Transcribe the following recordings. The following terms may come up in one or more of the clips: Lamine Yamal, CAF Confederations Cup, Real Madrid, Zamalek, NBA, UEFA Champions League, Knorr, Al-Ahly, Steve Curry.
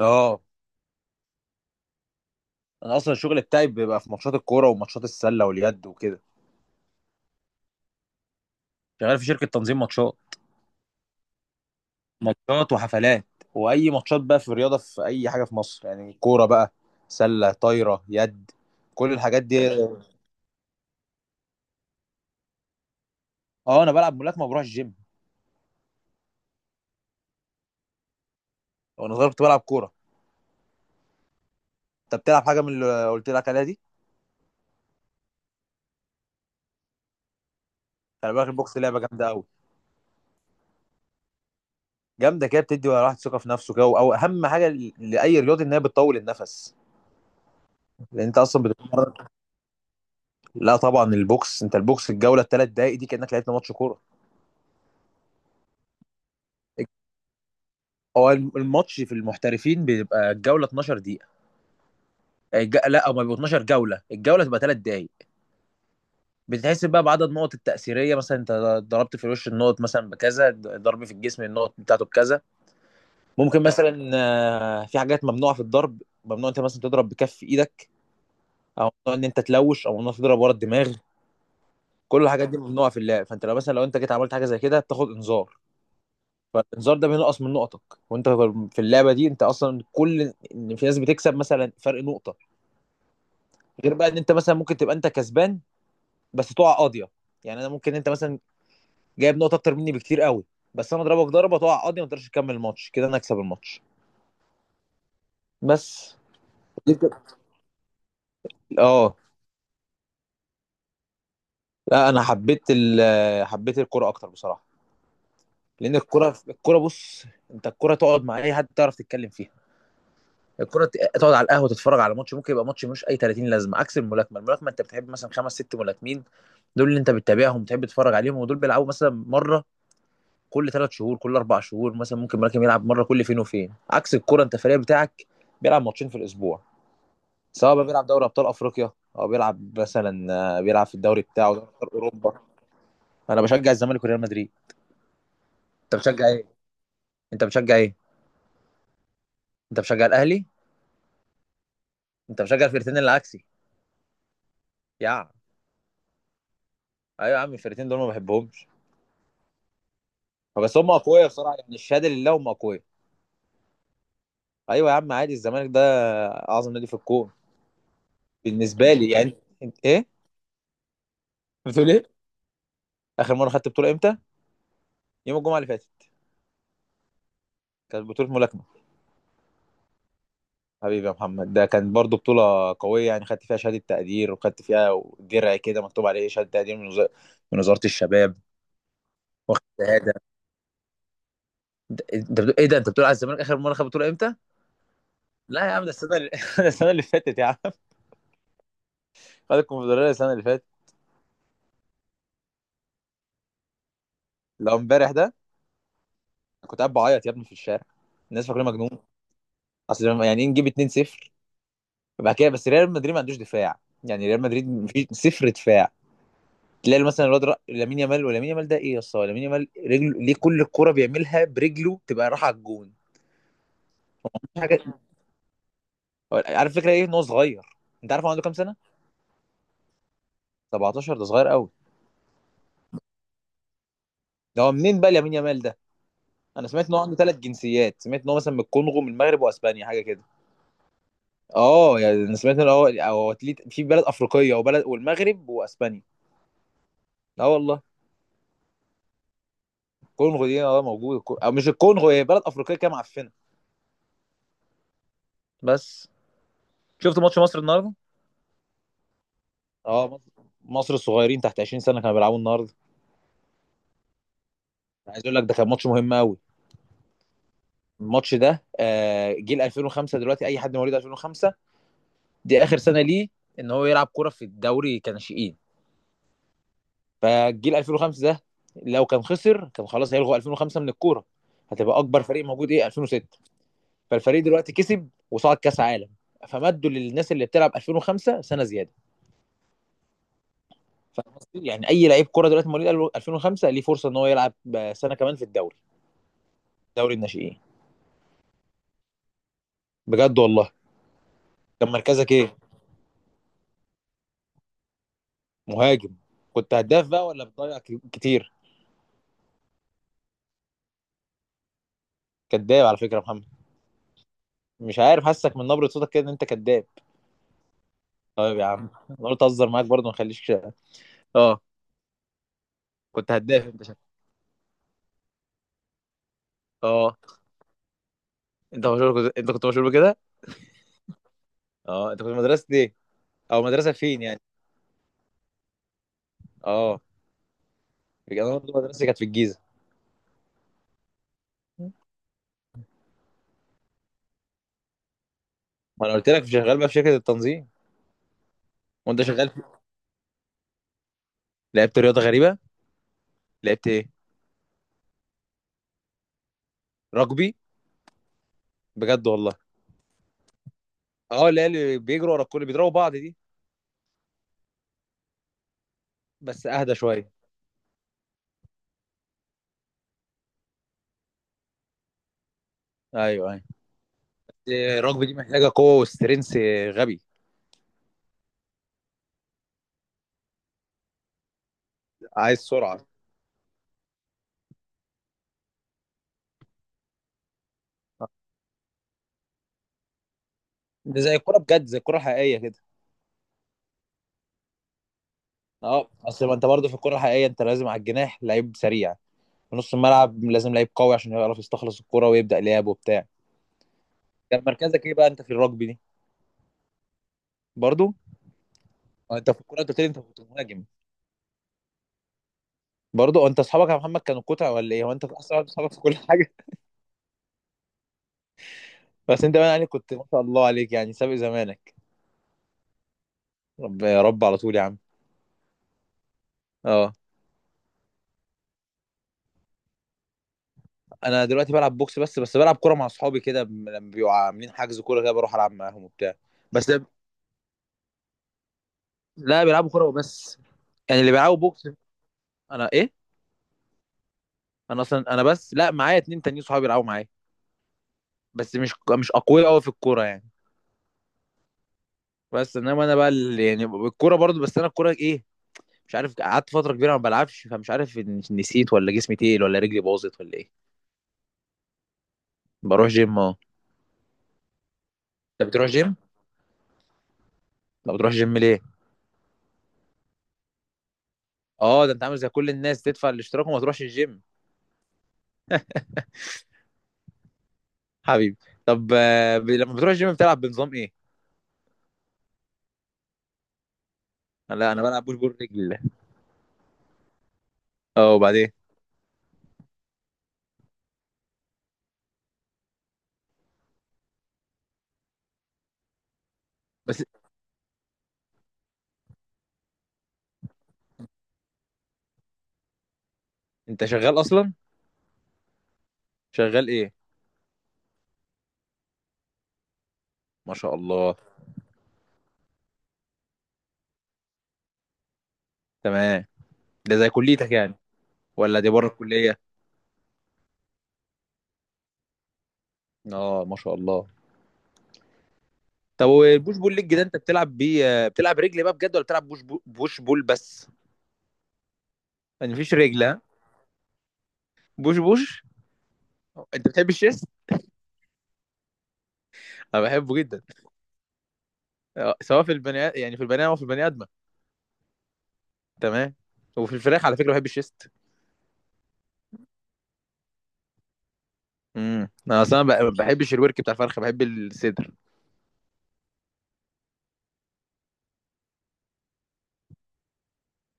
اه، انا اصلا الشغل بتاعي بيبقى في ماتشات الكوره وماتشات السله واليد وكده. شغال في شركه تنظيم ماتشات. ماتشات وحفلات، واي ماتشات بقى في الرياضه، في اي حاجه في مصر، يعني كوره بقى، سله، طايره، يد، كل الحاجات دي. اه، انا بلعب ملاكمه وبروح الجيم. وانا صغير كنت بلعب كوره. انت بتلعب حاجه من اللي قلت لك عليها دي؟ خلي بالك البوكس لعبه جامده قوي. جامده كده، بتدي الواحد ثقه في نفسه كده، او اهم حاجه لاي رياضي ان هي بتطول النفس، لان انت اصلا بتتمرن. لا طبعا، البوكس، انت البوكس الجوله الثلاث دقائق دي كانك لعبت ماتش كوره. هو الماتش في المحترفين بيبقى الجوله 12 دقيقه. لا، هما بيبقوا 12 جوله، الجوله تبقى 3 دقايق. بتتحسب بقى بعدد النقط التاثيريه. مثلا انت ضربت في الوش، النقط مثلا بكذا، ضرب في الجسم، النقط بتاعته بكذا. ممكن مثلا في حاجات ممنوعه في الضرب. ممنوع انت مثلا تضرب بكف ايدك، او ممنوع ان انت تلوش، او ممنوع تضرب ورا الدماغ. كل الحاجات دي ممنوعه في اللعب. فانت لو مثلا، لو انت جيت عملت حاجه زي كده، بتاخد انذار. فالانذار ده بينقص من نقطك. وانت في اللعبه دي انت اصلا، كل ان في ناس بتكسب مثلا فرق نقطه، غير بقى ان انت مثلا ممكن تبقى انت كسبان بس تقع قاضيه. يعني انا ممكن، انت مثلا جايب نقطه اكتر مني بكتير قوي، بس انا اضربك ضربه تقع قاضيه ما تقدرش تكمل الماتش، كده انا اكسب الماتش. بس. دي بتبقى- اه. لا، انا حبيت حبيت الكوره اكتر بصراحه. لان الكوره، الكوره بص، انت الكوره تقعد مع اي حد تعرف تتكلم فيها. الكوره تقعد على القهوه تتفرج على ماتش، ممكن يبقى ماتش ملوش اي 30 لازمه، عكس الملاكمه. الملاكمه انت بتحب مثلا خمس ست ملاكمين، دول اللي انت بتتابعهم، بتحب تتفرج عليهم، ودول بيلعبوا مثلا مره كل ثلاث شهور، كل اربع شهور. مثلا ممكن ملاكم يلعب مره كل فين وفين، عكس الكوره، انت الفريق بتاعك بيلعب ماتشين في الاسبوع، سواء بقى بيلعب دوري ابطال افريقيا، او بيلعب مثلا بيلعب في الدوري بتاعه، دوري ابطال اوروبا. انا بشجع الزمالك وريال مدريد. انت بتشجع ايه؟ انت بتشجع ايه انت بتشجع الاهلي؟ انت بتشجع الفرقتين اللي عكسي. يا عم. ايوه يا عم، الفرقتين دول ما بحبهمش. بس هم اقوياء بصراحه، يعني الشهاده لله هم اقوياء. ايوه يا عم، عادي، الزمالك ده اعظم نادي في الكون، بالنسبه لي يعني. انت ايه بتقول؟ ايه اخر مره خدت بطوله امتى؟ يوم الجمعه اللي فاتت. كانت بطولة ملاكمة. حبيبي يا محمد، ده كانت برضو بطولة قوية يعني، خدت فيها شهادة تقدير، وخدت فيها درع كده مكتوب عليه شهادة تقدير من وزارة الشباب. واخد شهادة. انت بتقول ايه؟ ده انت بتقول على الزمالك اخر مرة خد بطولة امتى؟ لا يا عم، ده السنة اللي... ده السنة اللي فاتت يا عم. خد الكونفدرالية السنة اللي فاتت. لو امبارح ده كنت قاعد بعيط يا ابني في الشارع، الناس فاكرين مجنون. اصل يعني ايه نجيب 2-0 بعد كده؟ بس ريال مدريد ما عندوش دفاع، يعني ريال مدريد مفيش، صفر دفاع. تلاقي مثلا الواد لامين يامال، ولامين يامال ده ايه يا اسطى! لامين يامال رجله ليه؟ كل الكرة بيعملها برجله تبقى رايحه على الجون. مفيش حاجه. عارف الفكره ايه؟ ان هو صغير. انت عارف هو عنده كام سنه؟ 17، ده صغير قوي. ده هو منين بقى لامين يامال ده؟ انا سمعت ان هو عنده ثلاث جنسيات، سمعت ان هو مثلا من الكونغو، من المغرب واسبانيا، حاجه كده. اه يعني انا سمعت ان هو في بلد افريقيه وبلد، والمغرب واسبانيا. لا والله. الكونغو دي اه موجوده. او مش الكونغو، هي بلد افريقيه كده معفنه. بس. شفت ماتش مصر النهارده؟ اه مصر، مصر الصغيرين تحت 20 سنه كانوا بيلعبوا النهارده. عايز اقول لك ده كان ماتش مهم قوي. الماتش ده جيل 2005. دلوقتي اي حد مواليد 2005، دي اخر سنه ليه ان هو يلعب كوره في الدوري كناشئين. فجيل 2005 ده، لو كان خسر كان خلاص هيلغوا 2005 من الكوره، هتبقى اكبر فريق موجود ايه، 2006. فالفريق دلوقتي كسب وصعد كاس عالم، فمدوا للناس اللي بتلعب 2005 سنه زياده. فاهم قصدي؟ يعني اي لعيب كوره دلوقتي مواليد 2005، ليه فرصه ان هو يلعب سنه كمان في الدوري، دوري الناشئين. بجد والله؟ كان مركزك ايه؟ مهاجم. كنت هداف بقى ولا بتضيع كتير؟ كداب على فكره يا محمد. مش عارف، حاسك من نبره صوتك كده ان انت كداب. طيب يا عم، انا قلت اهزر معاك برضه، ما اخليكش. اه. كنت هداف انت اه. انت مشهور، انت كنت مشهور بكده. اه، انت كنت مدرسه ايه، او مدرسه فين يعني؟ اه، انا برضه مدرستي كانت في الجيزه. ما انا قلت لك شغال بقى في شركه التنظيم. وانت شغال في... لعبت رياضه غريبه؟ لعبت ايه؟ رugby؟ بجد والله؟ اه، اللي هي اللي بيجروا ورا الكل بيضربوا بعض دي؟ بس اهدى شويه. ايوه ايوه. الرجبي دي محتاجه قوه وسترينث. غبي. عايز سرعه. ده زي الكوره بجد، زي الكوره الحقيقيه كده. اه، اصل ما انت برضه في الكوره الحقيقيه انت لازم على الجناح لعيب سريع، في نص الملعب لازم لعيب قوي عشان يعرف يستخلص الكوره ويبدا لعب وبتاع. كان مركزك ايه بقى انت في الرجبي دي؟ برضه؟ هو انت في الكوره انت قلت لي انت كنت مهاجم، برضه؟ هو انت اصحابك يا محمد كانوا كتع ولا ايه، هو انت اصلا اصحابك في كل حاجه! بس انت بقى يعني كنت ما شاء الله عليك يعني، سابق زمانك. رب يا رب على طول يا عم. اه. انا دلوقتي بلعب بوكس بس، بلعب كوره مع اصحابي كده، لما بيبقوا عاملين حجز كوره كده بروح العب معاهم وبتاع. بس لا، بيلعبوا كوره وبس. يعني اللي بيلعبوا بوكس انا ايه. انا اصلا، انا بس، لا معايا اتنين تانيين صحابي بيلعبوا معايا. بس مش، مش اقوياء قوي في الكوره يعني. بس انما انا بقى يعني الكوره برضو، بس انا الكوره ايه، مش عارف، قعدت فتره كبيره ما بلعبش، فمش عارف نسيت ولا جسمي تقيل ولا رجلي باظت ولا ايه. بروح جيم، اه. انت بتروح جيم؟ لا، بتروح جيم ليه؟ اه، ده انت عامل زي كل الناس، تدفع الاشتراك وما تروحش الجيم. حبيبي. طب لما بتروح الجيم بتلعب بنظام ايه؟ لا انا بلعب بوش بول رجل. اه، وبعدين؟ بس. انت شغال اصلا؟ شغال ايه؟ ما شاء الله. تمام. ده زي كليتك يعني، ولا دي بره الكلية؟ اه، ما شاء الله. طب والبوش بول ليج ده، انت بتلعب بيه بتلعب رجل بقى بجد، ولا بتلعب بوش بول، بوش بول بس؟ يعني مفيش رجل ها؟ بوش بوش؟ انت بتحب الشيست؟ انا بحبه جدا. سواء في البني، يعني في البني ادم او في البني ادمه. تمام. وفي الفراخ على فكرة بحب الشيست. امم. انا اصلا ما بحبش الورك بتاع الفرخ، بحب الصدر.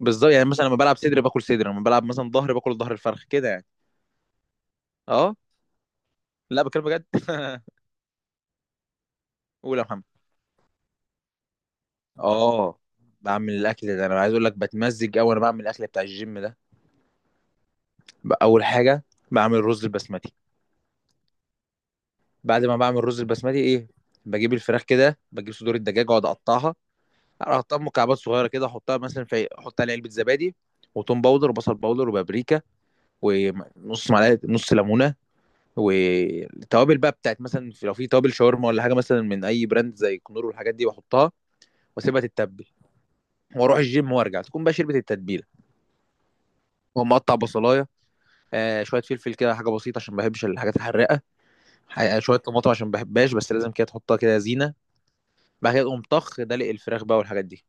بالظبط، يعني مثلا لما بلعب صدر باكل صدر، لما بلعب مثلا ظهر باكل ظهر الفرخ كده يعني. اه. لا، بكلم بجد. قول يا محمد. اه. بعمل الاكل، ده انا عايز اقول لك بتمزج قوي، وانا بعمل الاكل بتاع الجيم ده. اول حاجه بعمل رز البسمتي. بعد ما بعمل رز البسمتي ايه، بجيب الفراخ كده، بجيب صدور الدجاج واقعد اقطعها. اقطعها مكعبات صغيره كده، احطها مثلا في، احط عليها علبه زبادي، وتوم باودر، وبصل باودر، وبابريكا، ونص معلقه، نص ليمونه، والتوابل بقى بتاعت مثلا، في- لو في توابل شاورما، ولا حاجه مثلا من اي براند زي كنور والحاجات دي بحطها، واسيبها تتبل، واروح الجيم وارجع تكون بقى شربت التتبيله. واقوم مقطع بصلايه، آه، شويه فلفل كده حاجه بسيطه عشان ما بحبش الحاجات الحراقه. شويه طماطم عشان ما بحبهاش، بس لازم كده تحطها كده زينه. بعد كده تقوم طخ دلق الفراخ بقى والحاجات دي،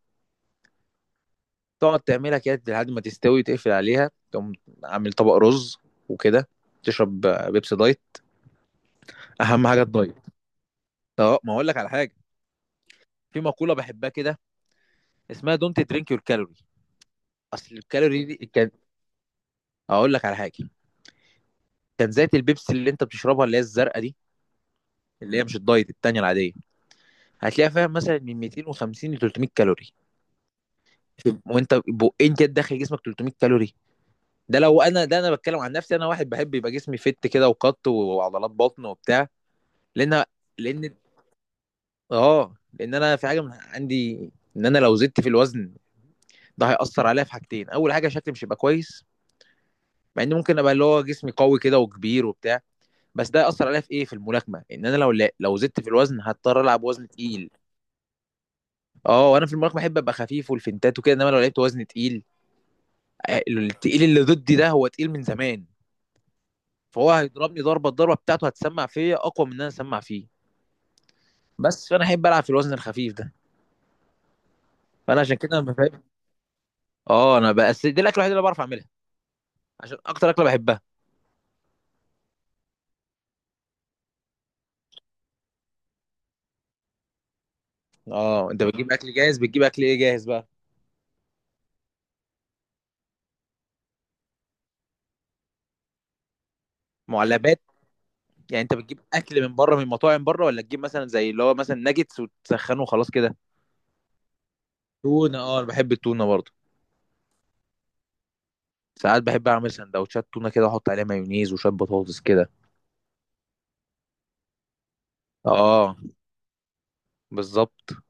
تقعد تعملها كده لحد ما تستوي، وتقفل عليها، تقوم عامل طبق رز وكده، تشرب بيبسي دايت. اهم حاجه الدايت. اه، ما اقول لك على حاجه. في مقوله بحبها كده، اسمها دونت درينك يور كالوري. اصل الكالوري دي كان، هقول لك على حاجه. كان زيت البيبسي اللي انت بتشربها، اللي هي الزرقاء دي، اللي هي مش الدايت، التانية العادية، هتلاقيها فيها مثلا من 250 ل 300 كالوري. وانت بقين كده داخل جسمك 300 كالوري. ده لو انا، ده انا بتكلم عن نفسي، انا واحد بحب يبقى جسمي فت كده وقط وعضلات بطن وبتاع، لان، لان اه لان انا في حاجه من عندي، ان انا لو زدت في الوزن ده هيأثر عليا في حاجتين. اول حاجه شكلي مش هيبقى كويس، مع ان ممكن ابقى اللي هو جسمي قوي كده وكبير وبتاع، بس ده اثر عليا في ايه، في الملاكمه. ان انا لو لا لو زدت في الوزن هضطر العب وزن تقيل. اه، وانا في الملاكمه احب ابقى خفيف والفنتات وكده، انما لو لعبت وزن تقيل، التقيل اللي ضدي ده هو تقيل من زمان، فهو هيضربني ضربه، الضربه بتاعته هتسمع فيا اقوى من ان انا اسمع فيه. بس. فانا احب العب في الوزن الخفيف ده، فانا عشان كده ما بحب. اه، انا بس دي الاكله الوحيده اللي بعرف اعملها، عشان اكتر اكله بحبها. اه، انت بتجيب اكل جاهز، بتجيب اكل ايه جاهز بقى؟ معلبات؟ يعني انت بتجيب اكل من بره، من مطاعم بره، ولا تجيب مثلا زي اللي هو مثلا ناجتس وتسخنه وخلاص كده؟ تونة، اه انا بحب التونة برضه. ساعات بحب اعمل سندوتشات تونة كده، واحط عليها مايونيز وشوية بطاطس كده. اه بالظبط.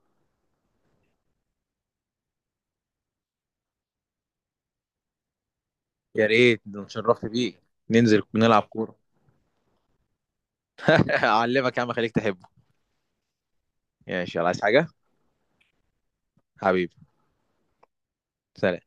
يا ريت، ده اتشرفت بيك. ننزل نلعب كورة. اعلمك يا عم، خليك تحبه. ماشي يلا، عايز حاجة؟ حبيبي. سلام.